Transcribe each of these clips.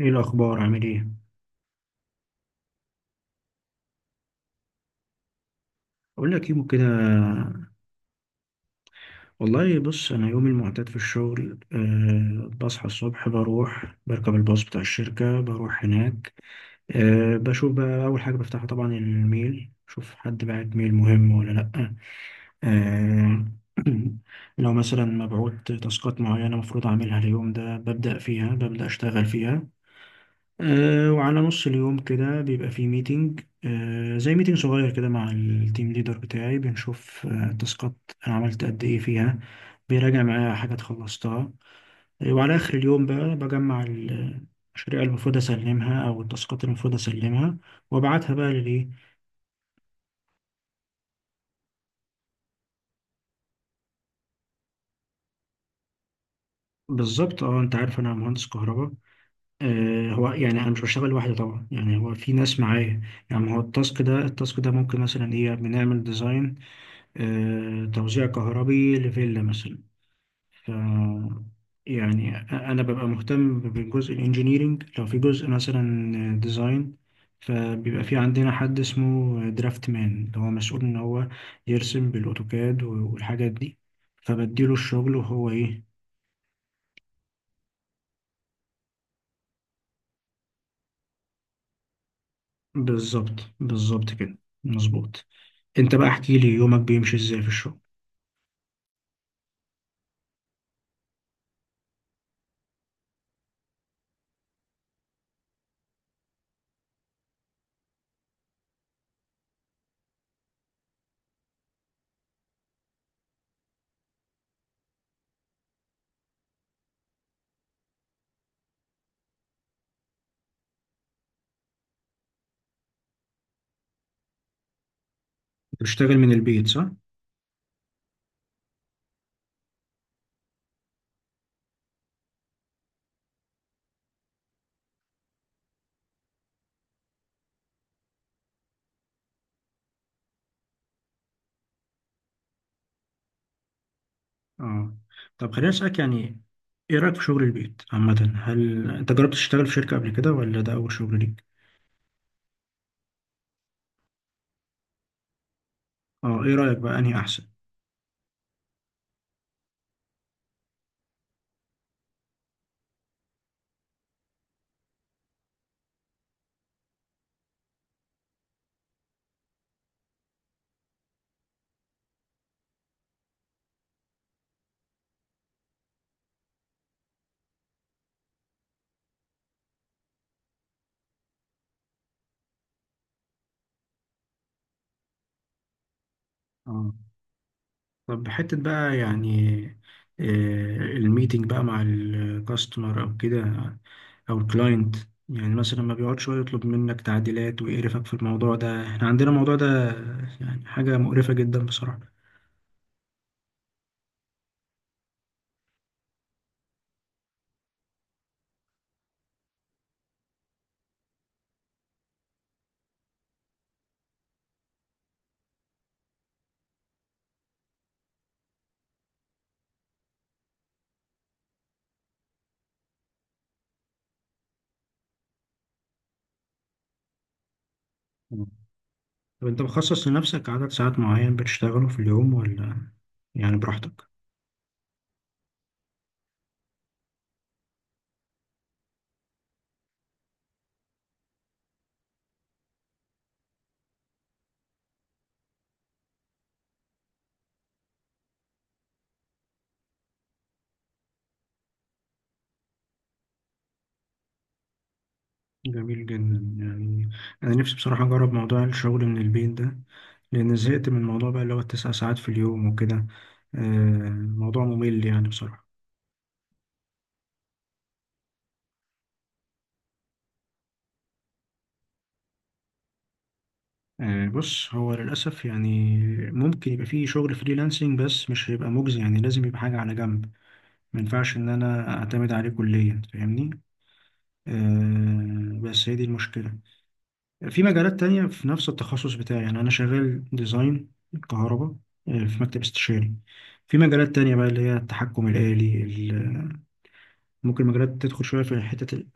ايه الاخبار عامل ايه؟ اقول لك يوم كده. والله بص، انا يومي المعتاد في الشغل، بصحى الصبح، بروح بركب الباص بتاع الشركه، بروح هناك. بشوف بقى اول حاجه بفتحها طبعا الميل، شوف حد بعت ميل مهم ولا لا. أه. لو مثلا مبعوت تاسكات معينه المفروض اعملها اليوم ده، ببدا اشتغل فيها. وعلى نص اليوم كده بيبقى في ميتنج، آه، زي ميتنج صغير كده مع التيم ليدر بتاعي، بنشوف التاسكات انا عملت قد ايه فيها، بيراجع معايا حاجات خلصتها. وعلى اخر اليوم بقى بجمع المشاريع اللي المفروض اسلمها او التاسكات اللي المفروض اسلمها، وابعتها بقى للايه. بالظبط، اه. انت عارف انا مهندس كهرباء. آه، هو يعني انا مش بشتغل لوحدي طبعا، يعني هو في ناس معايا. يعني هو التاسك ده التاسك ده ممكن مثلا ايه، بنعمل ديزاين، آه، توزيع كهربي لفيلا مثلا. ف يعني انا ببقى مهتم بجزء الانجينيرينج، لو في جزء مثلا ديزاين فبيبقى في عندنا حد اسمه درافت مان، اللي هو مسؤول ان هو يرسم بالاوتوكاد والحاجات دي، فبديله الشغل وهو ايه. بالظبط بالظبط كده، مظبوط. انت بقى احكي لي يومك بيمشي ازاي في الشغل. بتشتغل من البيت صح؟ اه، طب خليني اسالك يعني، ايه رايك في شغل البيت عامه؟ هل انت جربت تشتغل في شركه قبل كده ولا ده اول شغل ليك؟ اه، ايه رايك بقى انهي احسن؟ اه. طب حته بقى يعني، آه، الميتنج بقى مع الكاستمر او كده، او الكلاينت، يعني مثلا ما بيقعد شويه يطلب منك تعديلات ويقرفك في الموضوع ده. احنا عندنا الموضوع ده يعني حاجه مقرفه جدا بصراحه. آه. طب انت مخصص لنفسك عدد ساعات معين بتشتغله في اليوم، ولا يعني براحتك؟ جميل جدا. يعني أنا نفسي بصراحة أجرب موضوع الشغل من البيت ده، لأن زهقت من الموضوع بقى اللي هو التسع ساعات في اليوم وكده، آه، موضوع ممل يعني بصراحة. آه، بص، هو للأسف يعني ممكن يبقى فيه شغل فريلانسنج، بس مش هيبقى مجزي، يعني لازم يبقى حاجة على جنب. ما ينفعش إن أنا أعتمد عليه كليا، فاهمني؟ آه، بس هي دي المشكلة. في مجالات تانية في نفس التخصص بتاعي، يعني أنا شغال ديزاين كهرباء، آه، في مكتب استشاري. في مجالات تانية بقى اللي هي التحكم الآلي ال-، ممكن مجالات تدخل شوية في حتة ال-.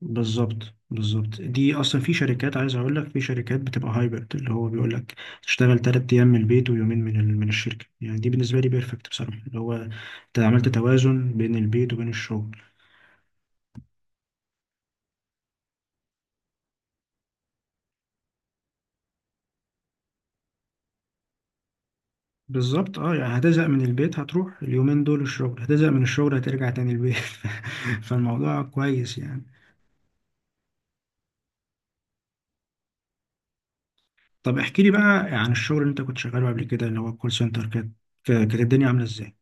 بالظبط بالظبط، دي أصلا في شركات، عايز أقول لك في شركات بتبقى هايبرد، اللي هو بيقول لك تشتغل تلات أيام من البيت ويومين من من الشركة. يعني دي بالنسبة لي بيرفكت بصراحة، اللي هو أنت عملت توازن بين البيت وبين الشغل. بالظبط، اه. يعني هتزهق من البيت هتروح اليومين دول الشغل، هتزهق من الشغل هترجع تاني البيت. فالموضوع كويس يعني. طب احكي لي بقى عن الشغل اللي انت كنت شغاله قبل كده اللي هو الكول سنتر. كانت الدنيا عاملة ازاي؟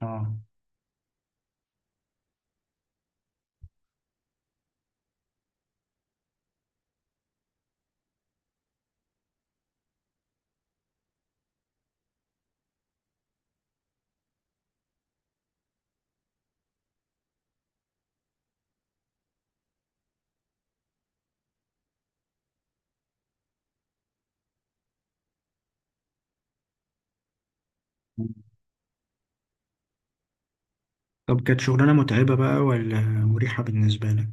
اه. طب كانت شغلانة متعبة بقى ولا مريحة بالنسبة لك؟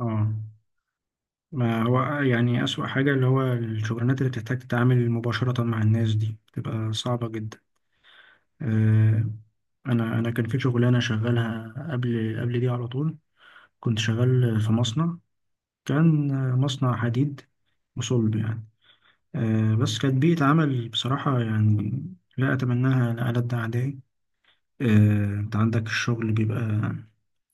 اه، ما هو يعني أسوأ حاجة اللي هو الشغلانات اللي بتحتاج تتعامل مباشرة مع الناس دي بتبقى صعبة جدا. آه، أنا كان في شغلانة شغالها قبل قبل دي على طول، كنت شغال في مصنع، كان مصنع حديد وصلب يعني. آه، بس كانت بيئة عمل بصراحة يعني لا أتمناها لألد أعدائي. آه، أنت عندك الشغل بيبقى،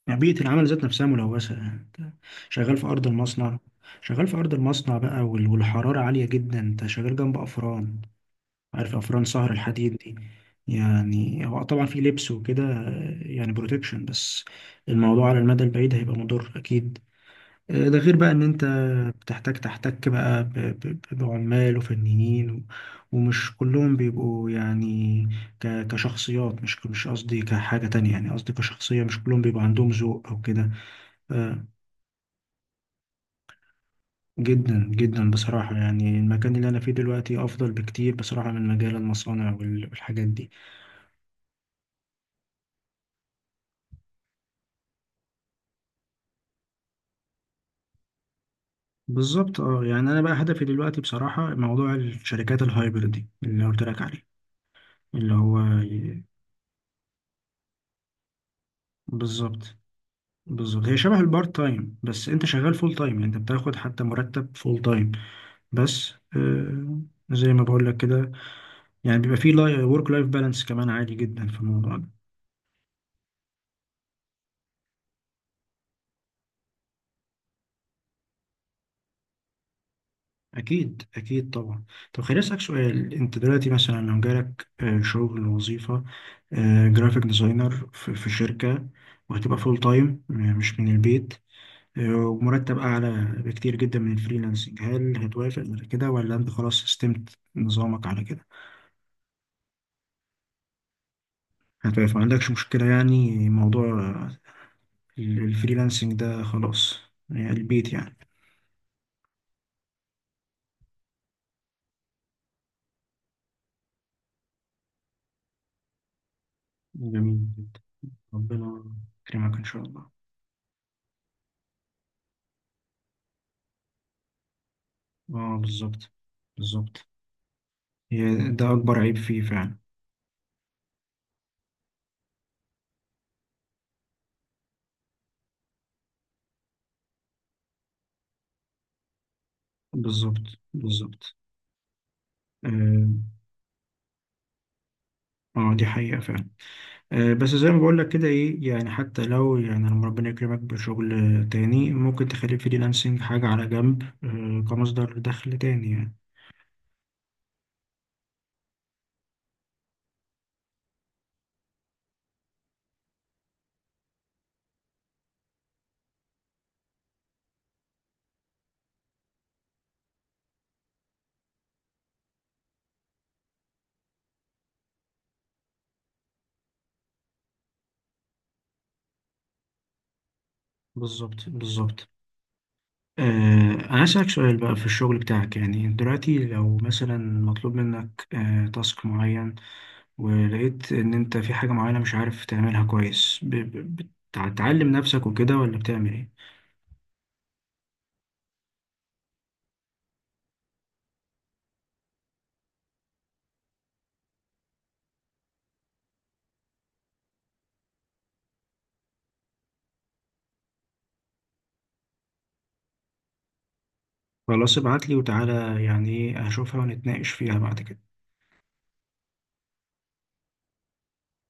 يعني بيئة العمل ذات نفسها ملوثة يعني، أنت شغال في أرض المصنع، شغال في أرض المصنع بقى، والحرارة عالية جدا، أنت شغال جنب أفران، عارف أفران سهر الحديد دي. يعني هو طبعا في لبس وكده، آه، يعني بروتكشن، بس الموضوع على المدى البعيد هيبقى مضر أكيد. آه، ده غير بقى ان انت بتحتاج تحتك بقى بعمال وفنيين و-، ومش كلهم بيبقوا يعني كشخصيات، مش قصدي كحاجة تانية، يعني قصدي كشخصية، مش كلهم بيبقى عندهم ذوق او كده. آه، جدا جدا بصراحة، يعني المكان اللي انا فيه دلوقتي افضل بكتير بصراحة من مجال المصانع والحاجات دي. بالظبط، اه. يعني انا بقى هدفي دلوقتي بصراحة موضوع الشركات الهايبرد دي اللي قلت لك عليه، اللي هو ي-. بالظبط بالظبط، هي شبه البارت تايم، بس انت شغال فول تايم، يعني انت بتاخد حتى مرتب فول تايم بس. آه، زي ما بقول لك كده، يعني بيبقى فيه ورك لايف بالانس كمان عادي جدا في الموضوع ده. اكيد اكيد طبعا. طب خليني اسالك سؤال، انت دلوقتي مثلا لو جالك آه شغل وظيفه، آه، جرافيك ديزاينر في شركه، وهتبقى فول تايم مش من البيت، آه، ومرتب اعلى بكتير جدا من الفريلانسنج، هل هتوافق على كده ولا انت خلاص استمت نظامك على كده؟ هتبقى ما عندكش مشكلة يعني، موضوع الفريلانسنج ده خلاص، يعني البيت يعني. جميل جدا، ربنا يكرمك إن شاء الله. اه، بالظبط بالظبط. هي ده أكبر عيب فيه فعلا. بالظبط بالظبط، اه. آه، دي حقيقة فعلا. آه، بس زي ما بقول لك كده، ايه يعني، حتى لو يعني لما ربنا يكرمك بشغل آه تاني، ممكن تخلي الفريلانسنج حاجة على جنب، آه، كمصدر دخل تاني يعني. بالظبط بالظبط. آه، أنا أسألك سؤال بقى في الشغل بتاعك، يعني دلوقتي لو مثلا مطلوب منك آه تاسك معين، ولقيت إن أنت في حاجة معينة مش عارف تعملها كويس، بتعلم نفسك وكده ولا بتعمل إيه؟ خلاص ابعتلي وتعالى، يعني إيه، هشوفها ونتناقش فيها بعد كده.